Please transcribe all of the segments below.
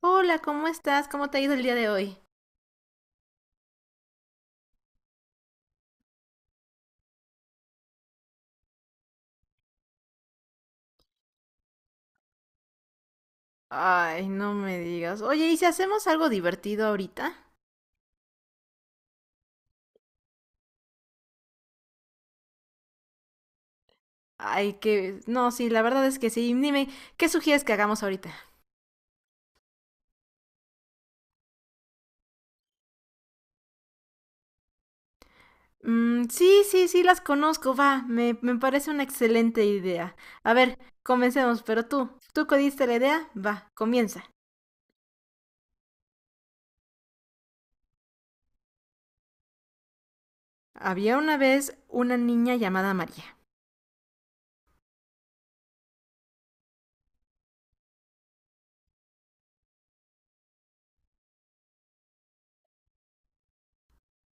Hola, ¿cómo estás? ¿Cómo te ha ido el día de hoy? Ay, no me digas. Oye, ¿y si hacemos algo divertido ahorita? Ay, que... No, sí, la verdad es que sí. Dime, ¿qué sugieres que hagamos ahorita? Mm, sí, sí, sí, las conozco, va. Me parece una excelente idea. A ver, comencemos, pero tú que diste la idea, va, comienza. Había una vez una niña llamada María.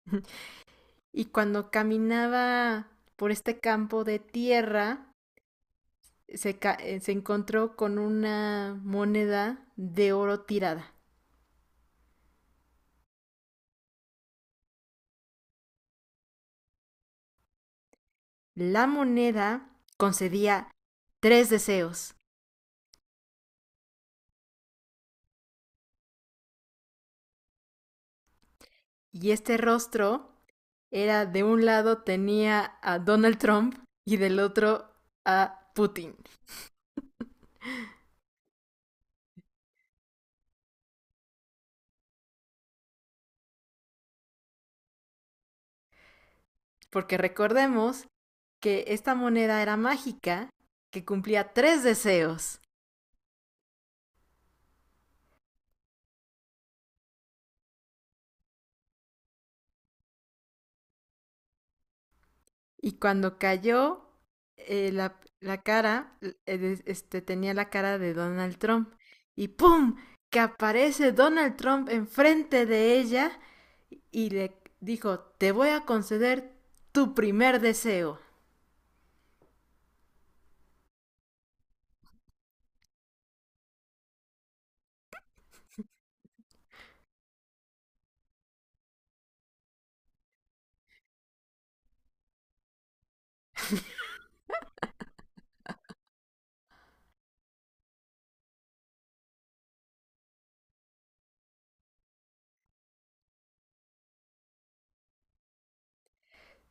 Y cuando caminaba por este campo de tierra, se encontró con una moneda de oro tirada. La moneda concedía tres deseos y este rostro era de un lado tenía a Donald Trump y del otro a Putin. Porque recordemos que esta moneda era mágica que cumplía tres deseos. Y cuando cayó, la cara, tenía la cara de Donald Trump. Y ¡pum! Que aparece Donald Trump enfrente de ella y le dijo, te voy a conceder tu primer deseo.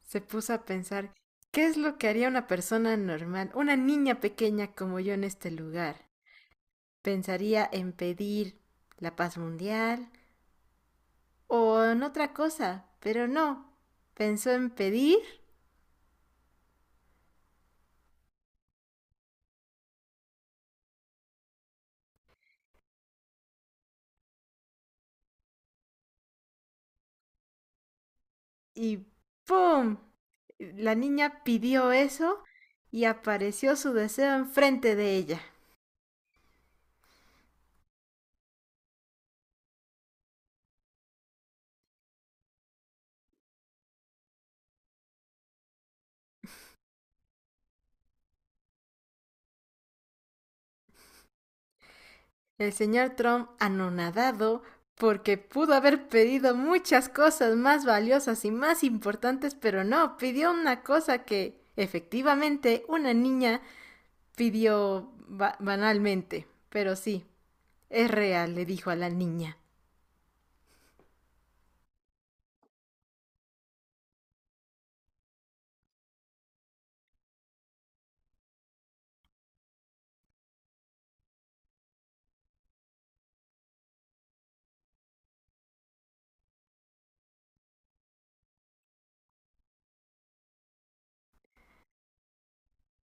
Se puso a pensar, ¿qué es lo que haría una persona normal, una niña pequeña como yo en este lugar? Pensaría en pedir la paz mundial o en otra cosa, pero no. Pensó en pedir y ¡pum! La niña pidió eso y apareció su deseo enfrente de ella. El señor Trump, anonadado, porque pudo haber pedido muchas cosas más valiosas y más importantes, pero no, pidió una cosa que efectivamente una niña pidió ba banalmente. Pero sí, es real, le dijo a la niña.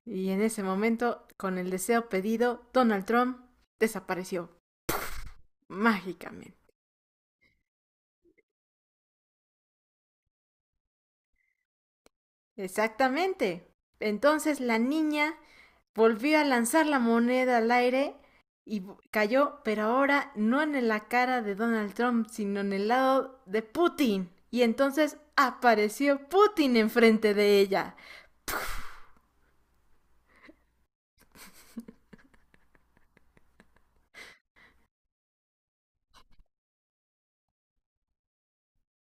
Y en ese momento, con el deseo pedido, Donald Trump desapareció mágicamente. Exactamente. Entonces la niña volvió a lanzar la moneda al aire y cayó, pero ahora no en la cara de Donald Trump, sino en el lado de Putin. Y entonces apareció Putin enfrente de ella.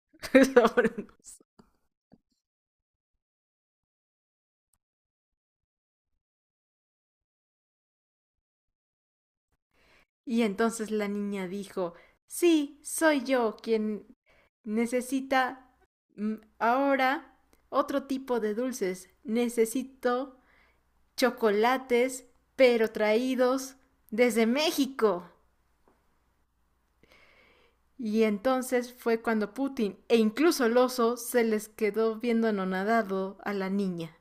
Y entonces la niña dijo, sí, soy yo quien necesita ahora otro tipo de dulces. Necesito chocolates, pero traídos desde México. Y entonces fue cuando Putin e incluso el oso se les quedó viendo anonadado a la niña.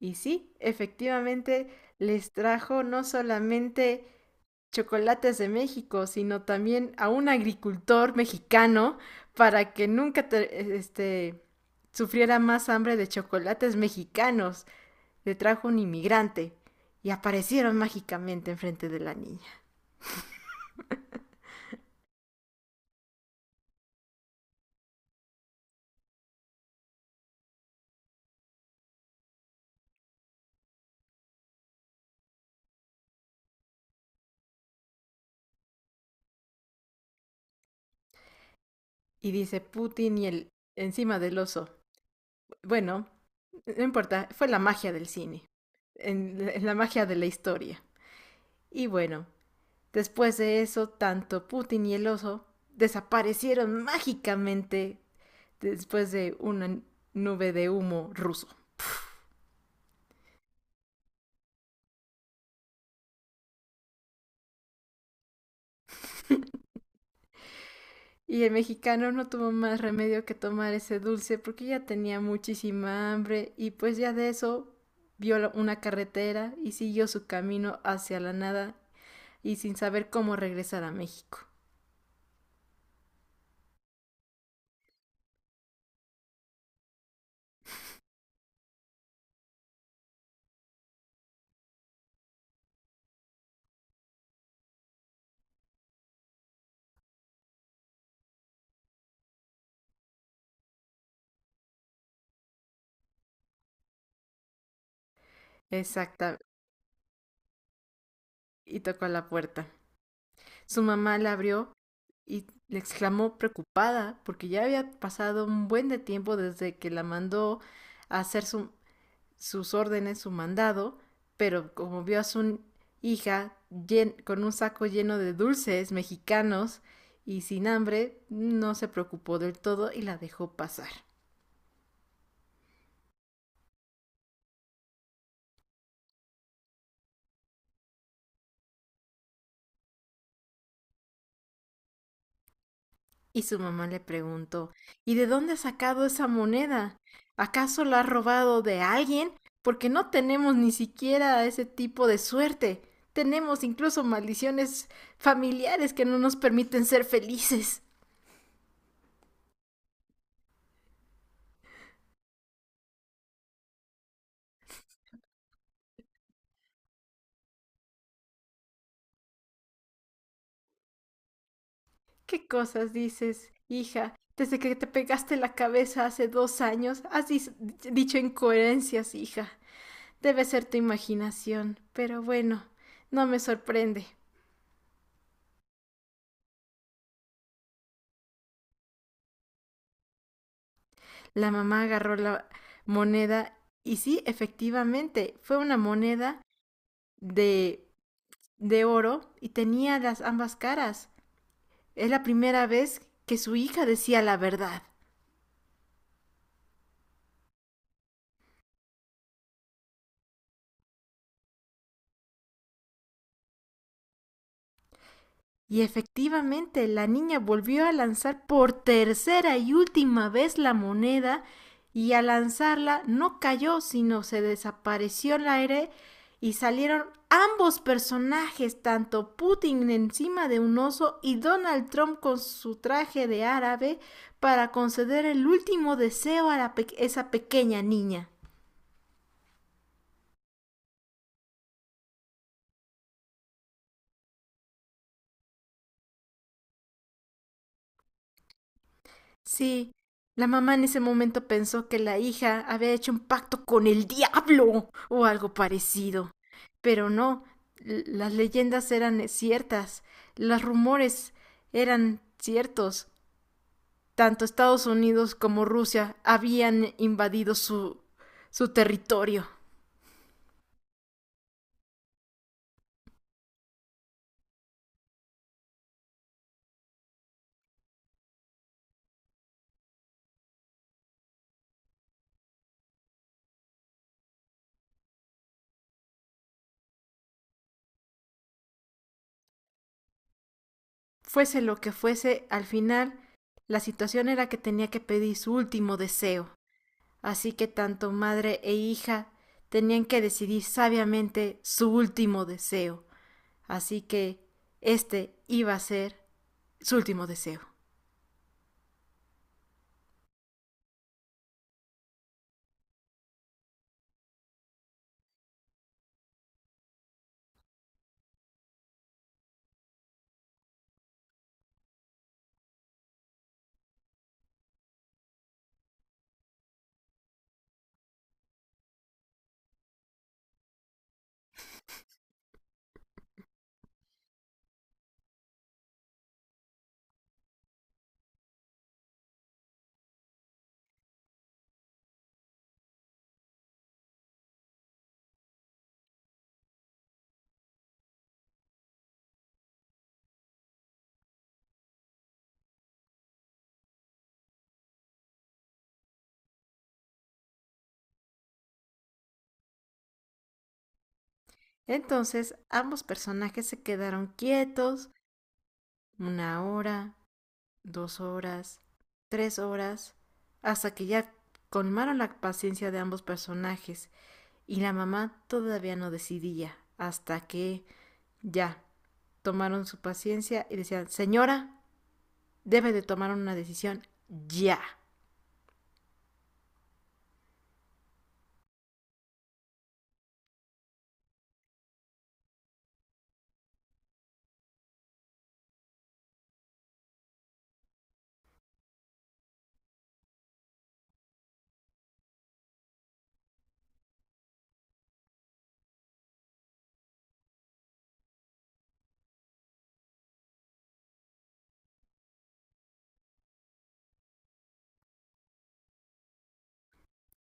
Y sí, efectivamente les trajo no solamente chocolates de México, sino también a un agricultor mexicano para que nunca sufriera más hambre de chocolates mexicanos. Le trajo un inmigrante y aparecieron mágicamente enfrente de la niña. Y dice Putin y el encima del oso. Bueno, no importa, fue la magia del cine, en la magia de la historia. Y bueno, después de eso, tanto Putin y el oso desaparecieron mágicamente después de una nube de humo ruso. Y el mexicano no tuvo más remedio que tomar ese dulce porque ya tenía muchísima hambre y pues ya de eso vio una carretera y siguió su camino hacia la nada y sin saber cómo regresar a México. Exacta. Y tocó a la puerta. Su mamá la abrió y le exclamó preocupada porque ya había pasado un buen de tiempo desde que la mandó a hacer sus órdenes, su mandado, pero como vio a su hija llen, con un saco lleno de dulces mexicanos y sin hambre, no se preocupó del todo y la dejó pasar. Y su mamá le preguntó, ¿y de dónde ha sacado esa moneda? ¿Acaso la ha robado de alguien? Porque no tenemos ni siquiera ese tipo de suerte. Tenemos incluso maldiciones familiares que no nos permiten ser felices. ¿Qué cosas dices, hija? Desde que te pegaste la cabeza hace 2 años, has dicho incoherencias, hija. Debe ser tu imaginación. Pero bueno, no me sorprende. La mamá agarró la moneda y sí, efectivamente, fue una moneda de, de oro y tenía las ambas caras. Es la primera vez que su hija decía la verdad. Y efectivamente, la niña volvió a lanzar por tercera y última vez la moneda y al lanzarla no cayó, sino se desapareció el aire y salieron ambos personajes, tanto Putin encima de un oso y Donald Trump con su traje de árabe, para conceder el último deseo a la pe esa pequeña niña. Sí, la mamá en ese momento pensó que la hija había hecho un pacto con el diablo o algo parecido. Pero no, l- las leyendas eran ciertas, los rumores eran ciertos. Tanto Estados Unidos como Rusia habían invadido su territorio. Fuese lo que fuese, al final la situación era que tenía que pedir su último deseo. Así que tanto madre e hija tenían que decidir sabiamente su último deseo. Así que este iba a ser su último deseo. Entonces ambos personajes se quedaron quietos 1 hora, 2 horas, 3 horas, hasta que ya colmaron la paciencia de ambos personajes y la mamá todavía no decidía hasta que ya tomaron su paciencia y decían, señora, debe de tomar una decisión ya.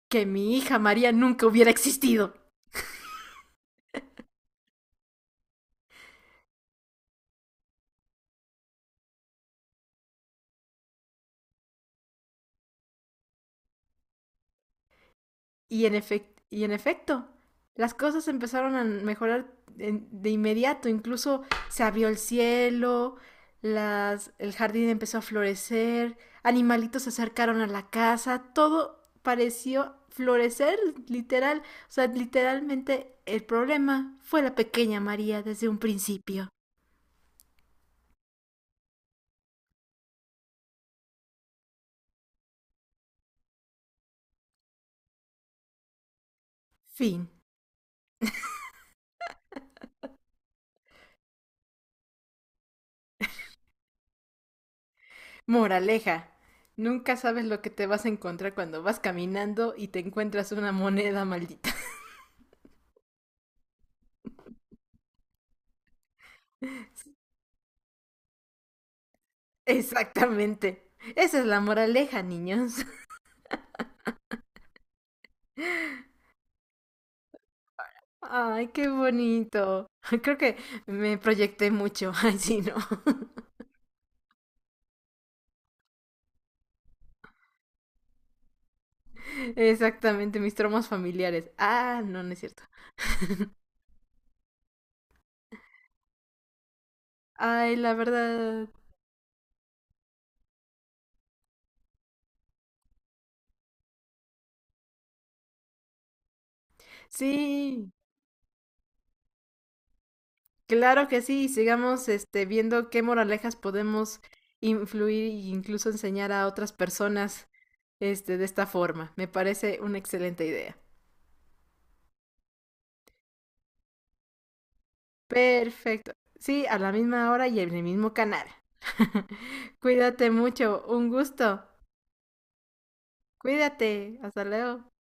Que mi hija María nunca hubiera existido. Y en efecto, las cosas empezaron a mejorar de inmediato. Incluso se abrió el cielo, las, el jardín empezó a florecer, animalitos se acercaron a la casa, todo pareció florecer, literal. O sea, literalmente el problema fue la pequeña María desde un principio. Fin. Moraleja, nunca sabes lo que te vas a encontrar cuando vas caminando y te encuentras una moneda maldita. Exactamente. Esa es la moraleja, niños. Ay, qué bonito. Creo que me proyecté mucho. Ay, sí, no. Exactamente, mis traumas familiares. Ah, no, no es cierto. Ay, la verdad. Sí, claro que sí. Sigamos este, viendo qué moralejas podemos influir e incluso enseñar a otras personas este, de esta forma. Me parece una excelente idea. Perfecto. Sí, a la misma hora y en el mismo canal. Cuídate mucho. Un gusto. Cuídate. Hasta luego.